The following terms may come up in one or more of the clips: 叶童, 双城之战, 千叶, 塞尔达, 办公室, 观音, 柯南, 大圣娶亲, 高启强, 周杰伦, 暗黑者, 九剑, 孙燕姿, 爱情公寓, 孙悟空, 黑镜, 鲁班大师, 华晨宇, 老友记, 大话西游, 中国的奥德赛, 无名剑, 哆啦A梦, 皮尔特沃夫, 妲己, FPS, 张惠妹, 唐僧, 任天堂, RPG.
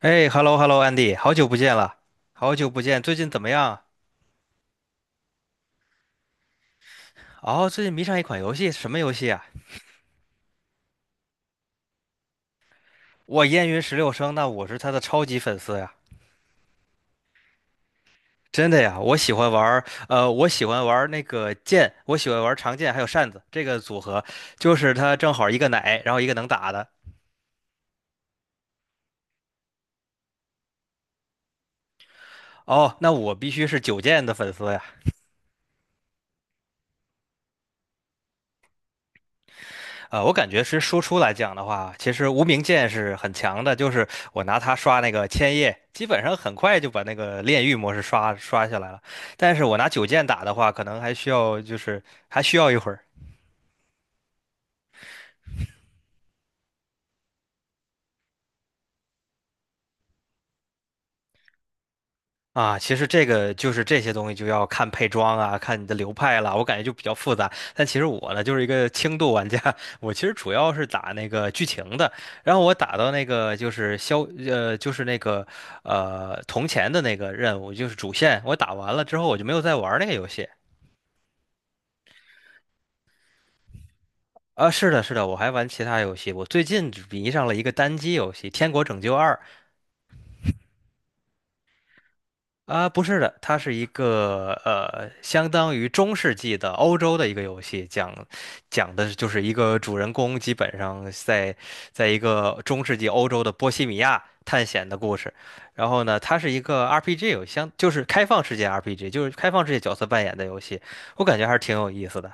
哎，hello hello Andy，好久不见了，好久不见，最近怎么样？哦，最近迷上一款游戏，什么游戏啊？我烟云十六声，那我是他的超级粉丝呀。真的呀，我喜欢玩儿，我喜欢玩儿那个剑，我喜欢玩儿长剑还有扇子这个组合，就是他正好一个奶，然后一个能打的。哦，那我必须是九剑的粉丝呀。我感觉是输出来讲的话，其实无名剑是很强的，就是我拿它刷那个千叶，基本上很快就把那个炼狱模式刷刷下来了。但是我拿九剑打的话，可能还需要一会儿。啊，其实这个就是这些东西就要看配装啊，看你的流派了，我感觉就比较复杂。但其实我呢，就是一个轻度玩家，我其实主要是打那个剧情的，然后我打到那个呃就是那个铜钱的那个任务，就是主线，我打完了之后我就没有再玩那个游戏。啊，是的，是的，我还玩其他游戏，我最近迷上了一个单机游戏《天国拯救二》。啊，不是的，它是一个相当于中世纪的欧洲的一个游戏，讲的就是一个主人公基本上在一个中世纪欧洲的波西米亚探险的故事。然后呢，它是一个 RPG 游戏，就是开放世界 RPG，就是开放世界角色扮演的游戏，我感觉还是挺有意思的。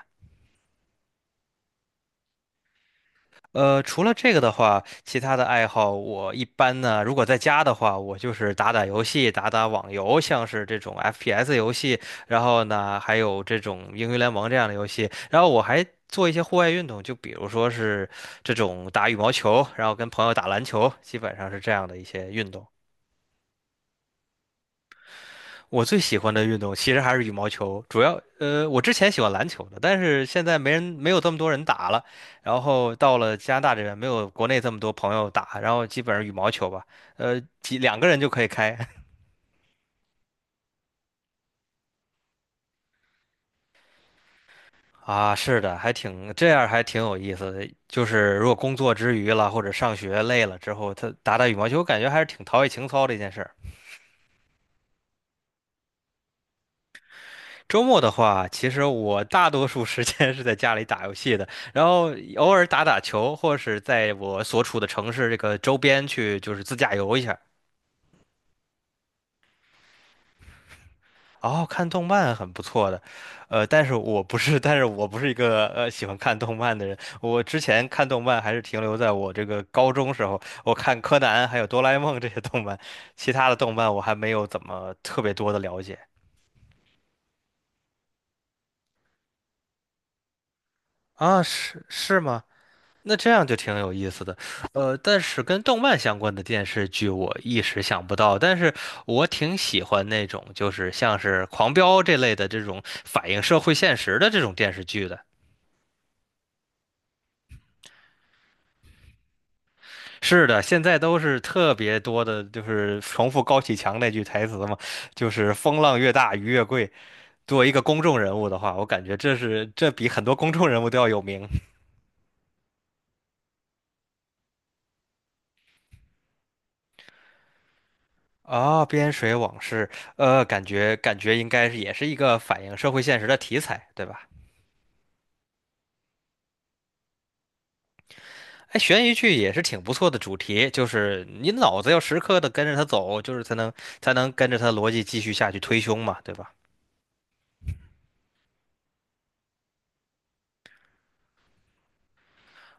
除了这个的话，其他的爱好我一般呢，如果在家的话，我就是打打游戏，打打网游，像是这种 FPS 游戏，然后呢，还有这种英雄联盟这样的游戏，然后我还做一些户外运动，就比如说是这种打羽毛球，然后跟朋友打篮球，基本上是这样的一些运动。我最喜欢的运动其实还是羽毛球，主要我之前喜欢篮球的，但是现在没有这么多人打了，然后到了加拿大这边没有国内这么多朋友打，然后基本上羽毛球吧，几两个人就可以开 啊，是的，还挺还挺有意思的，就是如果工作之余了或者上学累了之后，他打打羽毛球，我感觉还是挺陶冶情操的一件事儿。周末的话，其实我大多数时间是在家里打游戏的，然后偶尔打打球，或是在我所处的城市这个周边去就是自驾游一下。哦，看动漫很不错的，呃，但是我不是，但是我不是一个喜欢看动漫的人。我之前看动漫还是停留在我这个高中时候，我看柯南还有哆啦 A 梦这些动漫，其他的动漫我还没有怎么特别多的了解。啊，是是吗？那这样就挺有意思的，但是跟动漫相关的电视剧我一时想不到，但是我挺喜欢那种就是像是《狂飙》这类的这种反映社会现实的这种电视剧的。是的，现在都是特别多的，就是重复高启强那句台词嘛，就是"风浪越大，鱼越贵"。作为一个公众人物的话，我感觉这是这比很多公众人物都要有名。啊，《边水往事》，感觉应该是也是一个反映社会现实的题材，对吧？哎，悬疑剧也是挺不错的主题，就是你脑子要时刻的跟着它走，才能跟着它逻辑继续下去推凶嘛，对吧？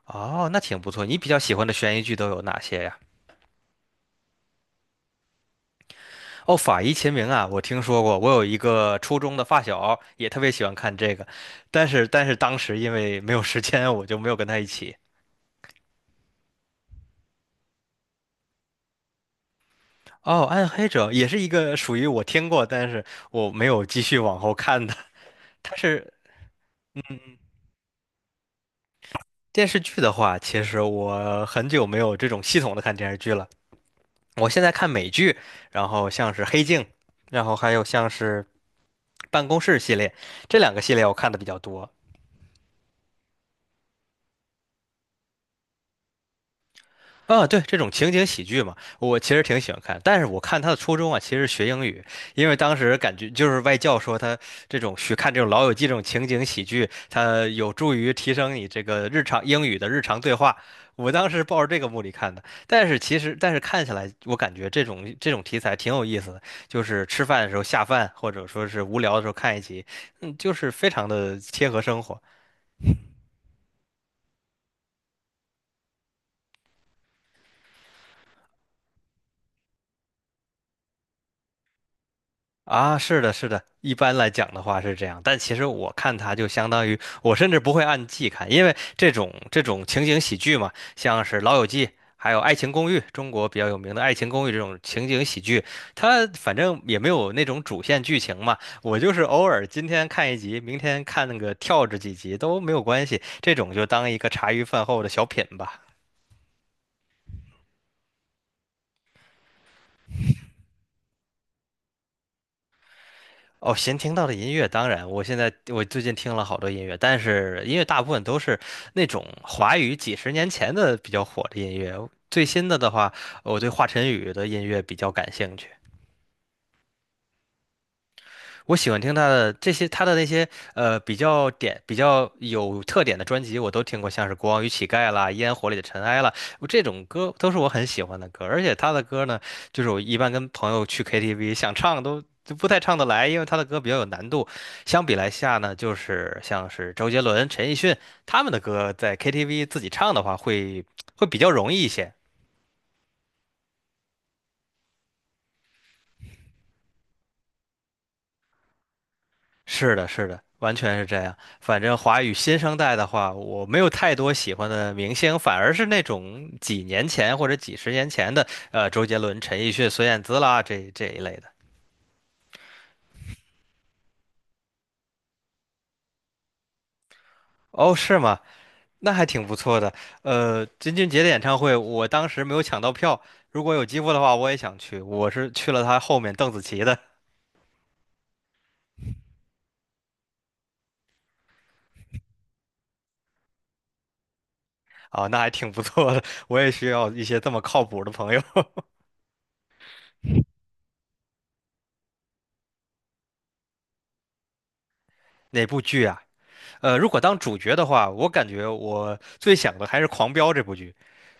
哦，那挺不错。你比较喜欢的悬疑剧都有哪些呀？哦，《法医秦明》啊，我听说过。我有一个初中的发小也特别喜欢看这个，但是当时因为没有时间，我就没有跟他一起。哦，《暗黑者》也是一个属于我听过，但是我没有继续往后看的。但是电视剧的话，其实我很久没有这种系统的看电视剧了。我现在看美剧，然后像是《黑镜》，然后还有像是《办公室》系列，这两个系列我看的比较多。啊，对，这种情景喜剧嘛，我其实挺喜欢看。但是我看他的初衷啊，其实是学英语，因为当时感觉就是外教说他这种看这种《老友记》这种情景喜剧，它有助于提升你这个日常英语的日常对话。我当时抱着这个目的看的，但是看起来，我感觉这种题材挺有意思的，就是吃饭的时候下饭，或者说是无聊的时候看一集，嗯，就是非常的贴合生活。啊，是的，是的，一般来讲的话是这样，但其实我看它就相当于我甚至不会按季看，因为这种情景喜剧嘛，像是《老友记》还有《爱情公寓》，中国比较有名的《爱情公寓》这种情景喜剧，它反正也没有那种主线剧情嘛，我就是偶尔今天看一集，明天看那个跳着几集都没有关系，这种就当一个茶余饭后的小品吧。哦，闲听到的音乐，当然，我现在我最近听了好多音乐，但是音乐大部分都是那种华语几十年前的比较火的音乐。最新的的话，我对华晨宇的音乐比较感兴趣。我喜欢听他的这些，他的那些比较有特点的专辑，我都听过，像是《国王与乞丐》啦，《烟火里的尘埃》啦，我这种歌都是我很喜欢的歌。而且他的歌呢，就是我一般跟朋友去 KTV 想唱都就不太唱得来，因为他的歌比较有难度。相比来下呢，就是像是周杰伦、陈奕迅他们的歌，在 KTV 自己唱的话会比较容易一些。是的，是的，完全是这样。反正华语新生代的话，我没有太多喜欢的明星，反而是那种几年前或者几十年前的，周杰伦、陈奕迅、孙燕姿啦，这一类的。哦，是吗？那还挺不错的。呃，金俊杰的演唱会，我当时没有抢到票，如果有机会的话，我也想去。我是去了他后面邓紫棋的。啊，那还挺不错的。我也需要一些这么靠谱的朋友。哪部剧啊？如果当主角的话，我感觉我最想的还是《狂飙》这部剧。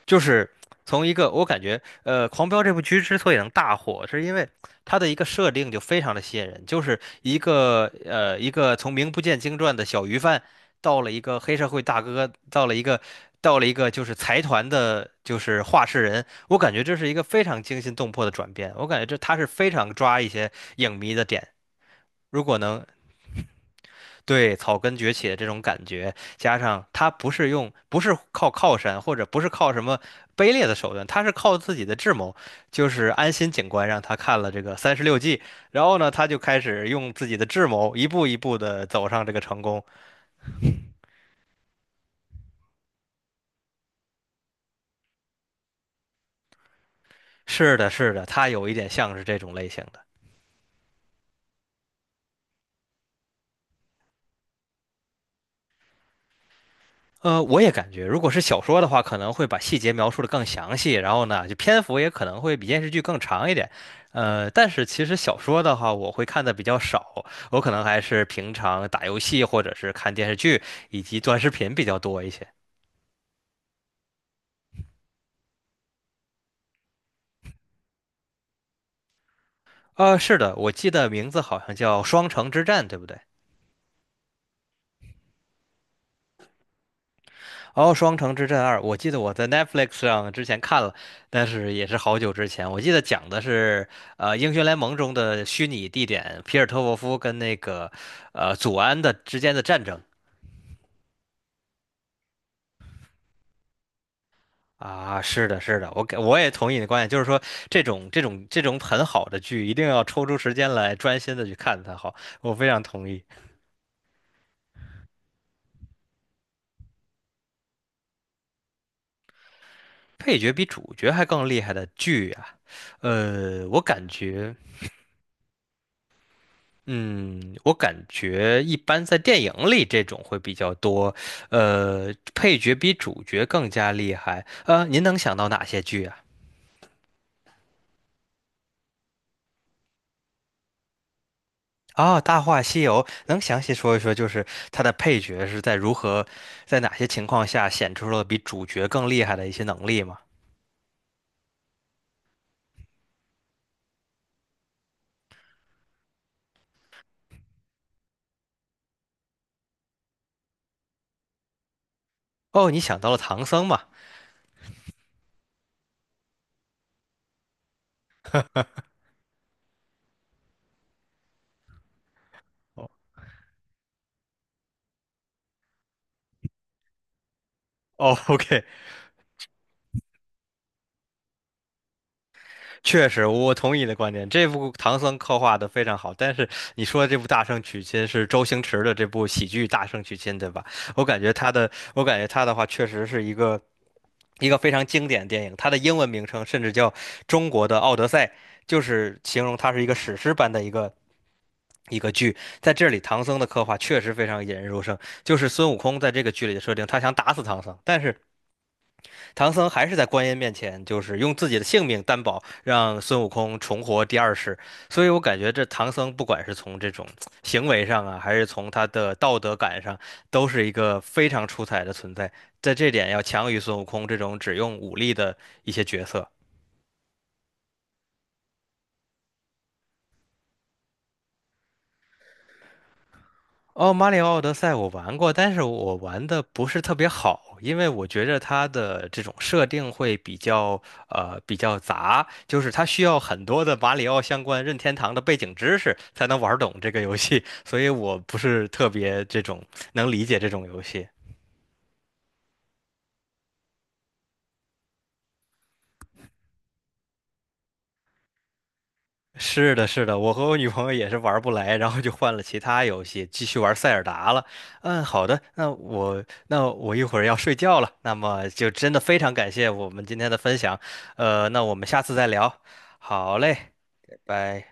就是从一个我感觉，《狂飙》这部剧之所以能大火，是因为它的一个设定就非常的吸引人，就是一个一个从名不见经传的小鱼贩，到了一个黑社会大哥，到了一个就是财团的，就是话事人。我感觉这是一个非常惊心动魄的转变，我感觉这他是非常抓一些影迷的点。如果能对，草根崛起的这种感觉，加上他不是用，不是靠山，或者不是靠什么卑劣的手段，他是靠自己的智谋。就是安心警官让他看了这个三十六计，然后呢，他就开始用自己的智谋一步一步的走上这个成功。是的，是的，他有一点像是这种类型的。我也感觉，如果是小说的话，可能会把细节描述的更详细，然后呢，就篇幅也可能会比电视剧更长一点。但是其实小说的话，我会看的比较少，我可能还是平常打游戏或者是看电视剧以及短视频比较多一些。是的，我记得名字好像叫《双城之战》，对不对？哦，《双城之战二》，我记得我在 Netflix 上之前看了，但是也是好久之前。我记得讲的是，英雄联盟中的虚拟地点皮尔特沃夫跟那个，祖安的之间的战争啊。是的，是的，我也同意你的观点，就是说这种很好的剧，一定要抽出时间来专心的去看它好，我非常同意。配角比主角还更厉害的剧啊，我感觉。嗯，我感觉一般在电影里这种会比较多，配角比主角更加厉害。您能想到哪些剧啊？哦，《大话西游》能详细说一说，就是它的配角是在如何，在哪些情况下显出了比主角更厉害的一些能力吗？哦，你想到了唐僧嘛？哦，OK，确实，我同意你的观点。这部唐僧刻画的非常好，但是你说这部《大圣娶亲》是周星驰的这部喜剧《大圣娶亲》，对吧？我感觉他的，我感觉他的话确实是一个一个非常经典的电影，它的英文名称甚至叫《中国的奥德赛》，就是形容它是一个史诗般的一个。一个剧，在这里唐僧的刻画确实非常引人入胜。就是孙悟空在这个剧里的设定，他想打死唐僧，但是唐僧还是在观音面前，就是用自己的性命担保，让孙悟空重活第二世。所以我感觉这唐僧不管是从这种行为上啊，还是从他的道德感上，都是一个非常出彩的存在，在这点要强于孙悟空这种只用武力的一些角色。哦，《马里奥奥德赛》我玩过，但是我玩的不是特别好，因为我觉得它的这种设定会比较比较杂，就是它需要很多的马里奥相关任天堂的背景知识才能玩懂这个游戏，所以我不是特别这种能理解这种游戏。是的，是的，我和我女朋友也是玩不来，然后就换了其他游戏，继续玩塞尔达了。嗯，好的，那我一会儿要睡觉了，那么就真的非常感谢我们今天的分享，那我们下次再聊。好嘞，拜拜。